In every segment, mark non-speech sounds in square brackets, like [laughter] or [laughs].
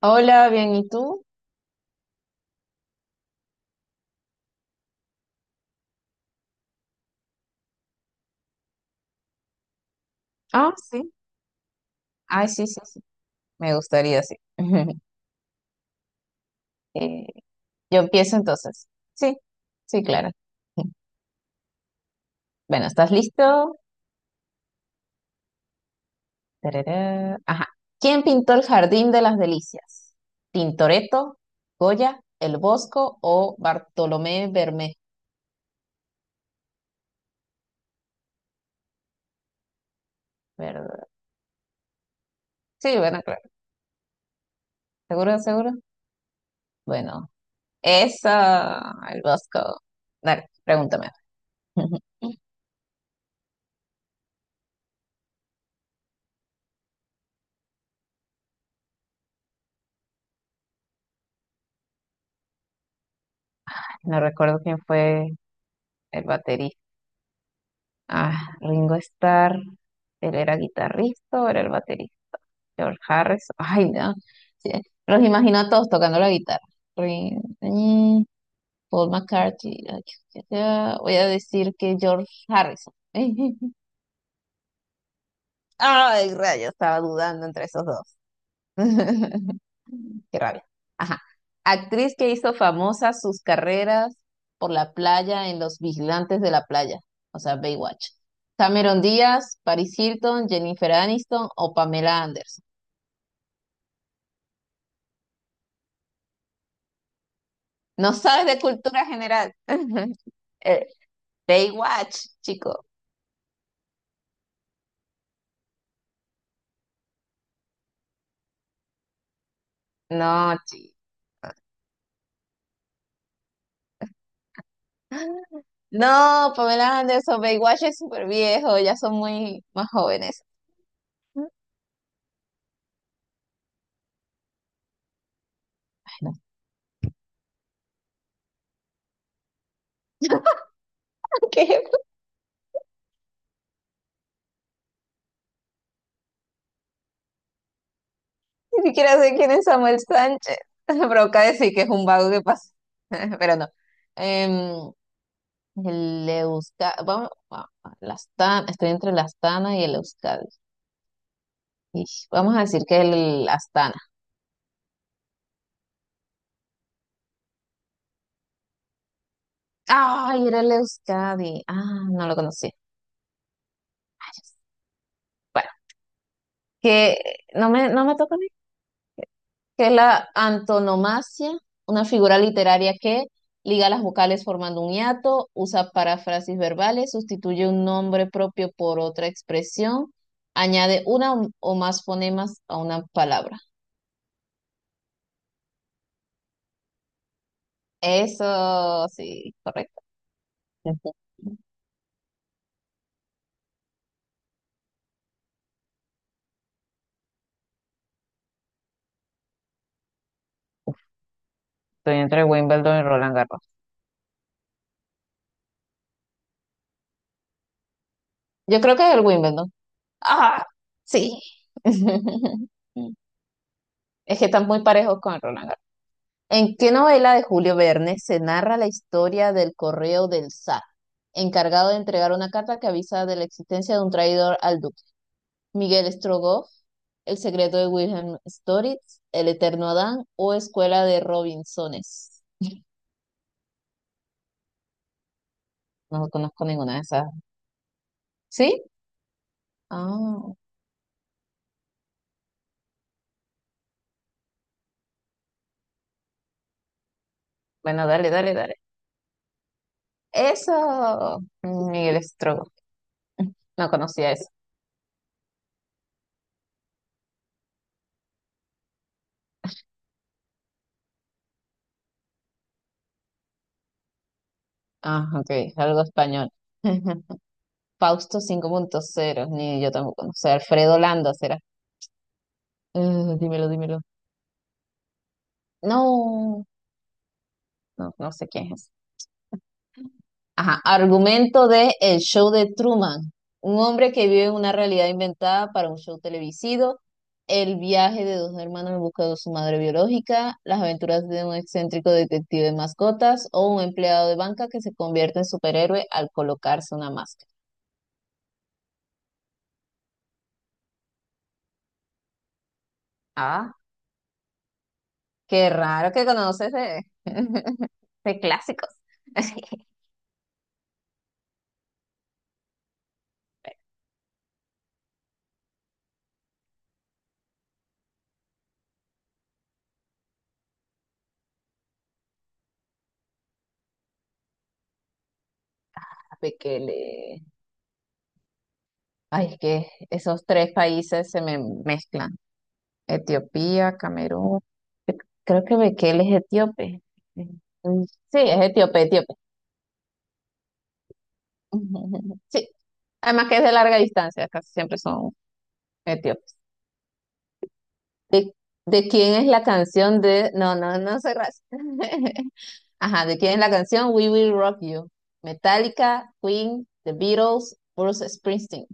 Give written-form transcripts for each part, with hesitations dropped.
Hola, bien, ¿y tú? Ah, ay, sí, me gustaría, sí. [laughs] Yo empiezo, sí, sí, claro. [laughs] Bueno, ¿estás listo? Tarará. Ajá. ¿Quién pintó el Jardín de las Delicias? ¿Tintoretto, Goya, El Bosco o Bartolomé Bermé? Ver- Sí, bueno, seguro, seguro. Bueno, esa, El Bosco. Dale, pregúntame. [laughs] No recuerdo quién fue el baterista. Ah, Ringo Starr. Él era guitarrista o era el baterista. George Harris, ay, no. Sí, los imagino a todos tocando la guitarra. Rin- mm, Paul McCartney, ay, ya sea, voy a decir que George Harrison. [laughs] Ay, rayos, estaba dudando entre esos dos. [laughs] Qué rabia. Ajá. Actriz que hizo famosas sus carreras por la playa en Los Vigilantes de la Playa, o sea, Baywatch. Cameron Díaz, Paris Hilton, Jennifer Aniston o Pamela Anderson. No sabes de cultura general. [laughs] Eh, Baywatch, chico. No, no, Pamela Anderson, Baywatch es súper viejo, ya son muy más jóvenes. [laughs] ¿Qué? Ni siquiera sé quién es Samuel Sánchez. [laughs] Provoca decir que es un vago que pasa, [laughs] pero no. Em, el Euskadi, vamos, el Astana, estoy entre el Astana y el Euskadi. Ish, vamos a decir que el Astana. Ay, era el Euskadi. Ah, no lo conocí. Bueno, que no me toca, que es la antonomasia, una figura literaria que liga las vocales formando un hiato, usa paráfrasis verbales, sustituye un nombre propio por otra expresión, añade una o más fonemas a una palabra. Eso sí, correcto. Agarró. Yo creo que es el Wimbledon. Ah, sí. [laughs] Es que están muy parejos con Roland. ¿En qué novela de Julio Verne se narra la historia del correo del zar, encargado de entregar una carta que avisa de la existencia de un traidor al duque? ¿Miguel Strogoff, El secreto de Wilhelm Storitz, El eterno Adán o Escuela de Robinsones? [laughs] No conozco ninguna vez. ¿Sí? Ah, bueno, dale, dale, dale. Eso, Miguel Strogoff. [laughs] No conocía eso. Ah, ok, algo español. [laughs] Fausto 5.0, ni yo tampoco, no sé, Alfredo Landa, ¿será? Dímelo, dímelo. No, no, no sé quién es. Ajá, argumento de El show de Truman. Un hombre que vive en una realidad inventada para un show televisivo. El viaje de dos hermanos en busca de su madre biológica. Las aventuras de un excéntrico detective de mascotas. O un empleado de banca que se convierte en superhéroe al colocarse una máscara. Ah, qué raro que conoces de, [laughs] de clásicos. [laughs] Fíjate que le... Ay, es que esos tres países se me mezclan. Etiopía, Camerún. Cre- Creo que Bekele es etíope. Mm, sí, es etíope, etíope. [laughs] Sí, además que es de larga distancia, casi siempre son etíopes. ¿De quién es la canción de... No, no, no soy racista. [laughs] Ajá, ¿de quién es la canción We Will Rock You? Metallica, Queen, The Beatles, Bruce Springsteen.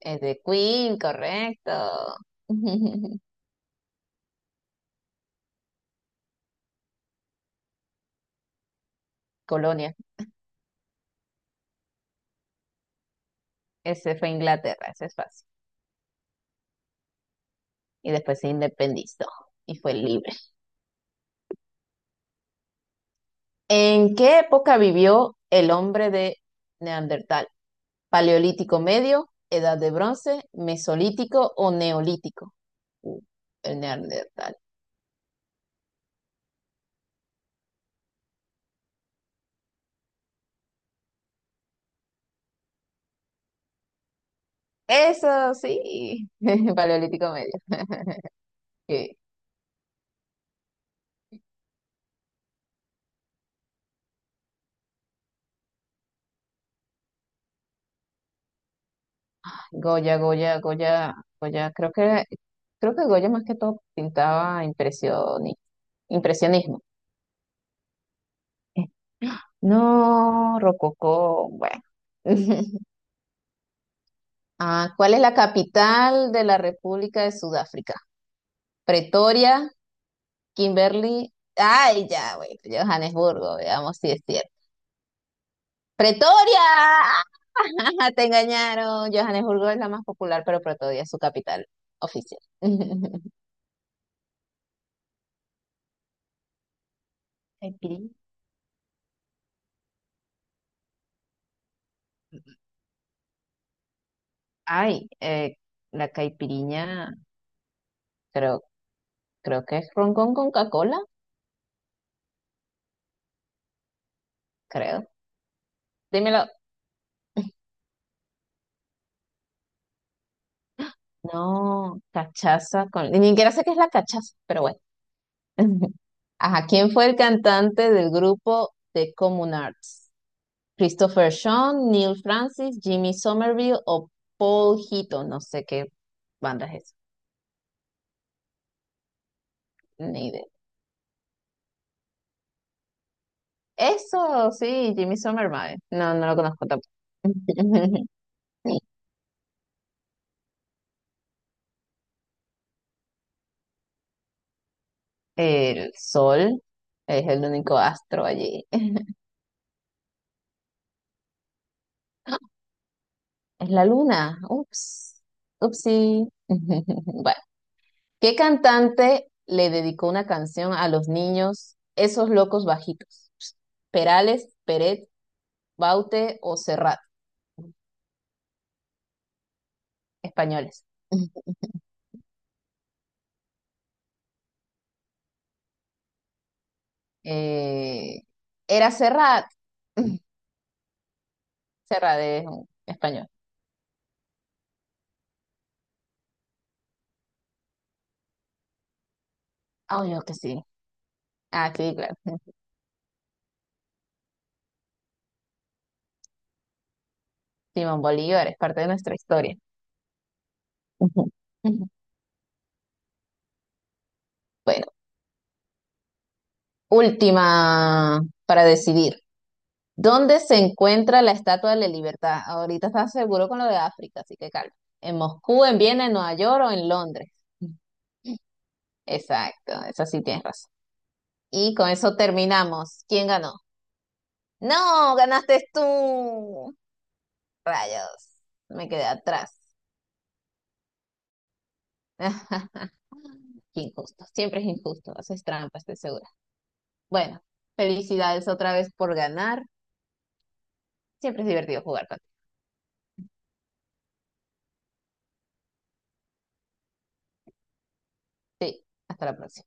Es de Queen, correcto. [laughs] Colonia, ese fue Inglaterra, ese es fácil. Y después se independizó y fue libre. ¿En qué época vivió el hombre de Neandertal? ¿Paleolítico medio, edad de bronce, mesolítico o neolítico? Uh, el Neandertal. Eso sí, [laughs] paleolítico medio. Que Goya, Goya, Goya, Goya, creo que Goya más que todo pintaba impresionismo. Eh, No, rococó, bueno. [laughs] Ah, ¿cuál es la capital de la República de Sudáfrica? Pretoria, Kimberly. Ay, ya, bueno, Johannesburgo, veamos si es cierto. ¡Pretoria! [laughs] Te engañaron. Johannesburgo es la más popular, pero Pretoria es su capital. [laughs] Ay, la caipiriña, creo, creo que es ron con Coca-Cola, creo. Dímelo. Oh, cachaza con. Ni siquiera sé qué es la cachaza, pero bueno. [laughs] Ajá, ¿quién fue el cantante del grupo The Common Arts? Christopher Sean, Neil Francis, Jimmy Somerville o Paul Hito. No sé qué banda es esa, ni idea. Eso sí, Jimmy Somerville. No, no lo conozco. [laughs] El sol es el único astro allí. [laughs] Es la luna. Ups. Upsi. [laughs] Bueno, ¿qué cantante le dedicó una canción a los niños, esos locos bajitos? Perales, Peret, Baute o Serrat, españoles. Eh, Era Serrat. Serrat es un español. Ah, yo, ok. Ah, sí. [laughs] Ujú. Simón Bolívar es parte de nuestra historia. Ujú. Ujú. Bueno, última para decidir. ¿Dónde se encuentra la Estatua de la Libertad? Ahorita estás seguro con lo de África, así que calma. ¿En Moscú, en Viena, en Nueva York o en Londres? Exacto, eso sí tienes razón. Y con eso terminamos. ¿Quién ganó? No, ganaste tú. Rayos, me quedé. [laughs] Injusto, siempre es injusto, haces trampa, estoy segura. Felicidades otra vez por ganar, siempre es divertido jugar contigo. Sí, hasta la próxima.